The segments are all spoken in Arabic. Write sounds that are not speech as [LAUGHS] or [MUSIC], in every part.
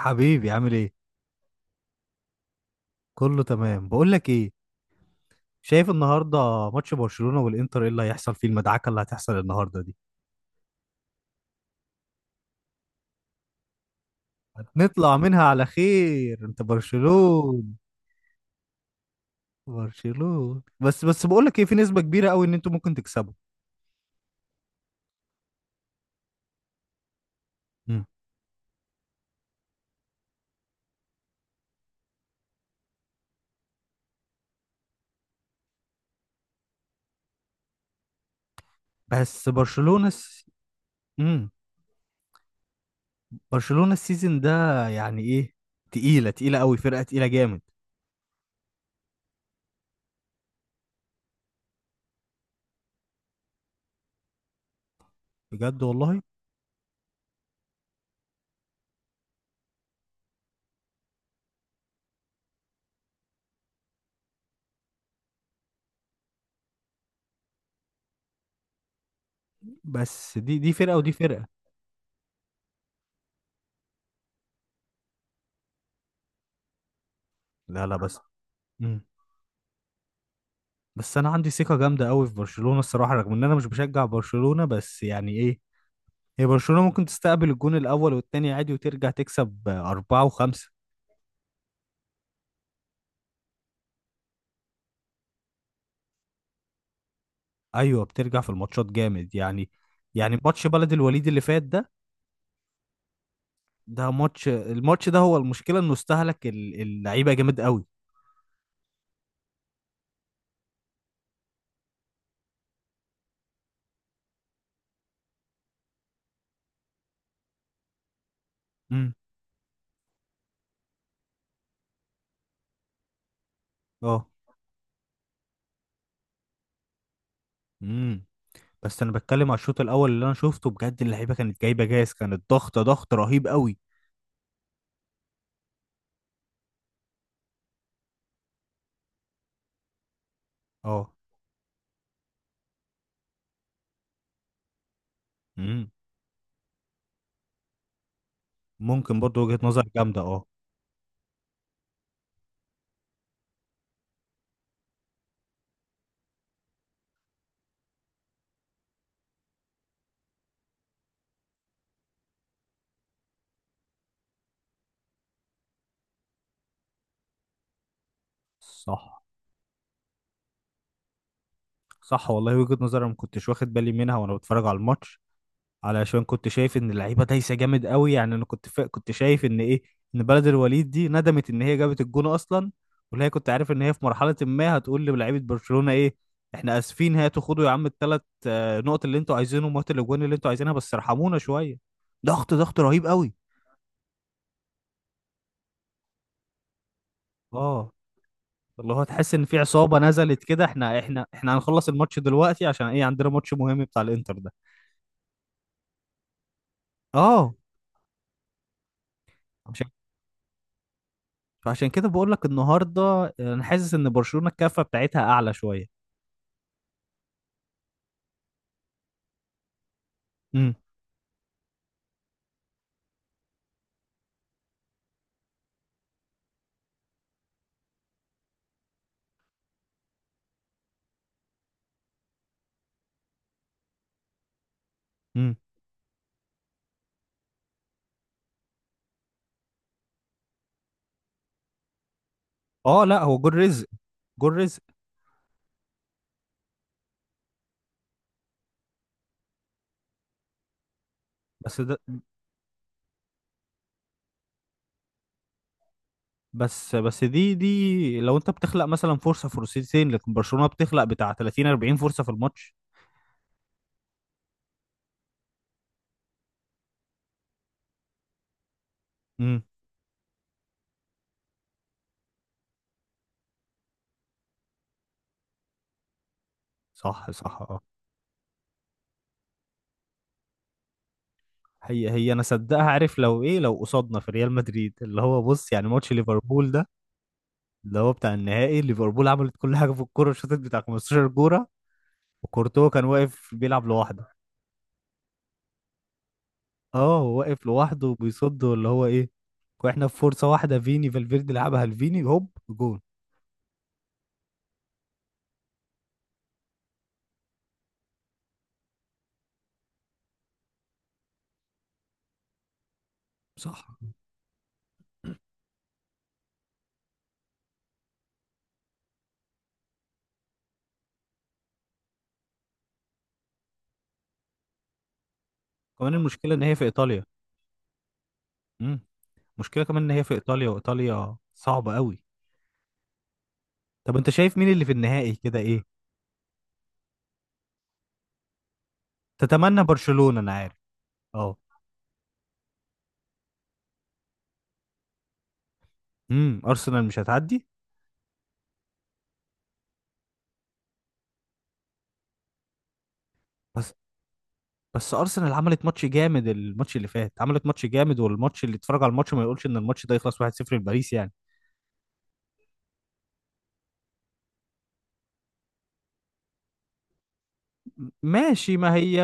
حبيبي عامل ايه؟ كله تمام. بقول لك ايه، شايف النهارده ماتش برشلونة والانتر، ايه اللي هيحصل فيه؟ المدعكة اللي هتحصل النهارده دي. هنطلع منها على خير، انت برشلونة. برشلونة، بس بقول لك ايه، في نسبة كبيرة قوي ان انتوا ممكن تكسبوا. مم. بس برشلونة الس... مم. برشلونة السيزون ده يعني ايه، تقيلة تقيلة قوي، فرقة تقيلة جامد. بجد والله. بس دي دي فرقة ودي فرقة. لا، لا، بس. مم. بس انا عندي ثقه جامده قوي في برشلونه الصراحه، رغم ان انا مش بشجع برشلونه، بس يعني ايه، هي برشلونه ممكن تستقبل الجون الاول والتاني عادي وترجع تكسب اربعه وخمسه. ايوه، بترجع في الماتشات جامد يعني. يعني ماتش بلد الوليد اللي فات ده، ده ماتش، الماتش ده هو المشكله انه استهلك اللعيبه جامد قوي. امم. اه. امم. بس انا بتكلم على الشوط الاول اللي انا شفته بجد، اللعيبه كانت جايبه جاز، كانت ضغط رهيب قوي. اه. امم. ممكن برضو وجهه نظر جامده، اه. صح. صح والله، وجهة نظر انا ما كنتش واخد بالي منها وانا بتفرج على الماتش، علشان كنت شايف ان اللعيبه دايسه جامد قوي يعني. انا كنت كنت شايف ان ايه، ان بلد الوليد دي ندمت ان هي جابت الجون اصلا، واللي هي كنت عارف ان هي في مرحله ما هتقول للاعيبه برشلونه ايه، احنا اسفين، هاتوا خدوا يا عم الثلاث نقط اللي انتوا عايزينهم وهاتوا الاجوان اللي انتوا عايزينها، بس ارحمونا شويه. ضغط ضغط رهيب قوي. اه. اللي هو تحس ان في عصابه نزلت كده، احنا هنخلص الماتش دلوقتي، عشان ايه؟ عندنا ماتش مهم بتاع الانتر ده. اه. عشان، فعشان كده بقول لك النهارده انا حاسس ان برشلونة الكفة بتاعتها اعلى شوية. امم. امم. اه. لا، هو جول رزق، جول رزق. بس ده بس دي لو انت بتخلق مثلا فرصة فرصتين، لكن برشلونة بتخلق بتاع 30 40 فرصة في الماتش. امم. صح. صح. اه. هي انا صدقها، عارف لو ايه، لو قصادنا في ريال مدريد، اللي هو بص يعني ماتش ليفربول ده، اللي هو بتاع النهائي، ليفربول عملت كل حاجة في الكورة، شاطت بتاع 15 كورة، وكورتوا كان واقف بيلعب لوحده. اه، هو واقف لوحده وبيصد اللي هو ايه، واحنا في فرصه واحده، فيني فالفيردي لعبها لفيني هوب جون. صح. كمان المشكله ان هي في ايطاليا. امم. المشكله كمان ان هي في ايطاليا، وايطاليا صعبه قوي. طب انت شايف مين اللي في النهائي كده، ايه؟ تتمنى برشلونه انا عارف. اه. امم. ارسنال مش هتعدي. بس، بس ارسنال عملت ماتش جامد، الماتش اللي فات عملت ماتش جامد، والماتش اللي اتفرج على الماتش ما يقولش ان الماتش ده يخلص 1-0 لباريس يعني. ماشي، ما هي.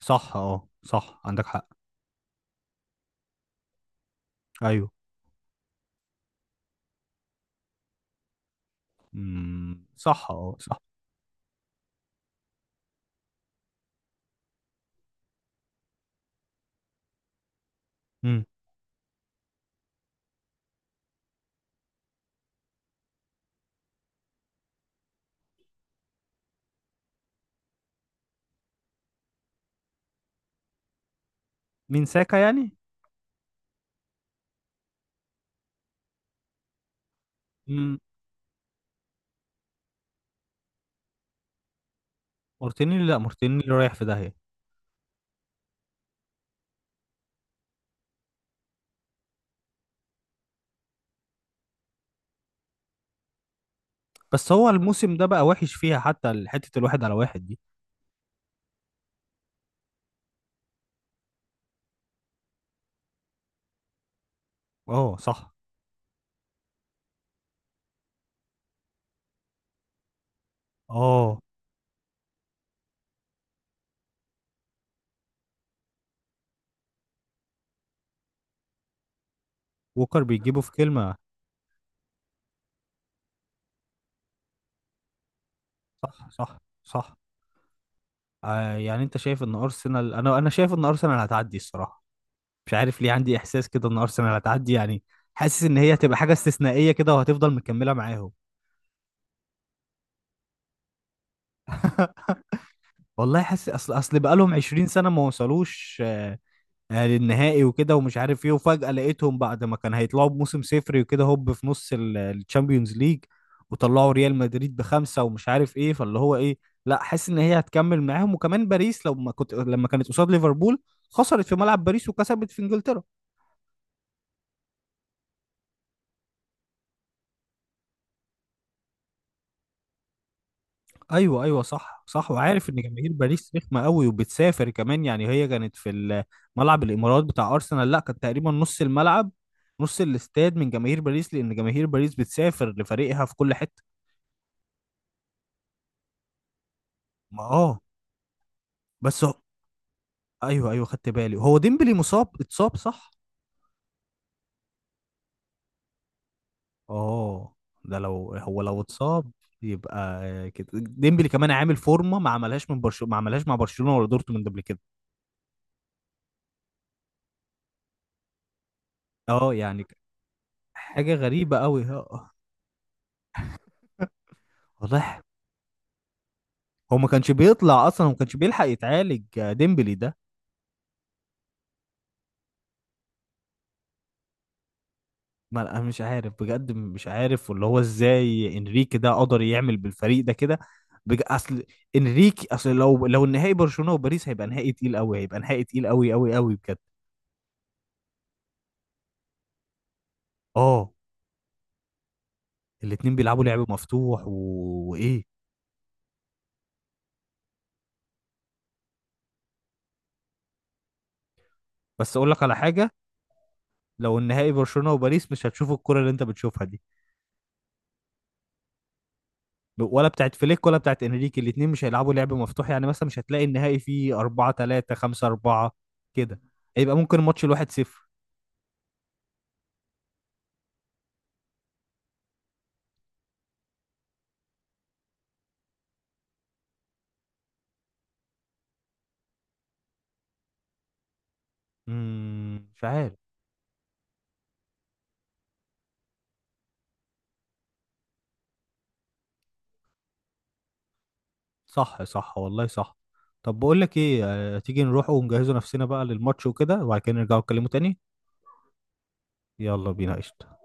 صح، اه صح عندك حق. ايوه. امم. صح، اه صح. امم. مين، ساكا يعني؟ امم. مارتينيلي لا مارتينيلي رايح في داهية. بس هو الموسم ده بقى وحش فيها، حتى حتة الواحد على واحد دي. اه صح، اه. ووكر بيجيبه في كلمة. صح صح. صح. يعني انت شايف ان ارسنال، انا شايف ان ارسنال هتعدي الصراحة، مش عارف ليه عندي احساس كده ان ارسنال هتعدي يعني. حاسس ان هي هتبقى حاجة استثنائية كده، وهتفضل مكملة معاهم. [LAUGHS] والله حاسس، اصل بقالهم 20 سنة ما وصلوش للنهائي وكده ومش عارف ايه، وفجأة لقيتهم بعد ما كان هيطلعوا بموسم صفري وكده، هوب في نص الشامبيونز ليج، وطلعوا ريال مدريد بخمسة ومش عارف ايه، فاللي هو ايه، لا، حاسس ان هي هتكمل معاهم. وكمان باريس لما كانت قصاد ليفربول، خسرت في ملعب باريس وكسبت في انجلترا. ايوه ايوه، صح صح، وعارف ان جماهير باريس رخمه قوي وبتسافر كمان، يعني هي كانت في ملعب الامارات بتاع ارسنال، لا كانت تقريبا نص الملعب، نص الاستاد من جماهير باريس، لان جماهير باريس بتسافر لفريقها في كل حته. ما اه. بس هو... ايوه ايوه، خدت بالي، هو ديمبلي مصاب، اتصاب صح. اه، ده لو هو لو اتصاب يبقى كده ديمبلي كمان عامل فورمه، ما عملهاش من برشلونه، ما عملهاش مع برشلونه ولا دورتموند قبل كده. اه، يعني حاجه غريبه قوي. واضح هو ما كانش بيطلع اصلا وما كانش بيلحق يتعالج ديمبلي ده. ما انا مش عارف بجد، مش عارف، واللي هو ازاي انريكي ده قدر يعمل بالفريق ده كده. اصل انريكي، اصل لو النهائي برشلونه وباريس هيبقى نهائي تقيل قوي، هيبقى نهائي تقيل قوي قوي قوي بجد. اه. الاتنين بيلعبوا لعب مفتوح وايه. بس اقول لك على حاجه، لو النهائي برشلونه وباريس مش هتشوف الكره اللي انت بتشوفها دي، ولا بتاعت فليك ولا بتاعت انريكي، الاتنين مش هيلعبوا لعب مفتوح، يعني مثلا مش هتلاقي النهائي فيه 4-3 5-4 كده، هيبقى ممكن ماتش الواحد صفر. امم. مش عارف. صح صح والله، صح. طب بقول لك ايه، تيجي نروح ونجهزوا نفسنا بقى للماتش وكده وبعد كده نرجعوا نتكلموا تاني. يلا بينا، قشطة.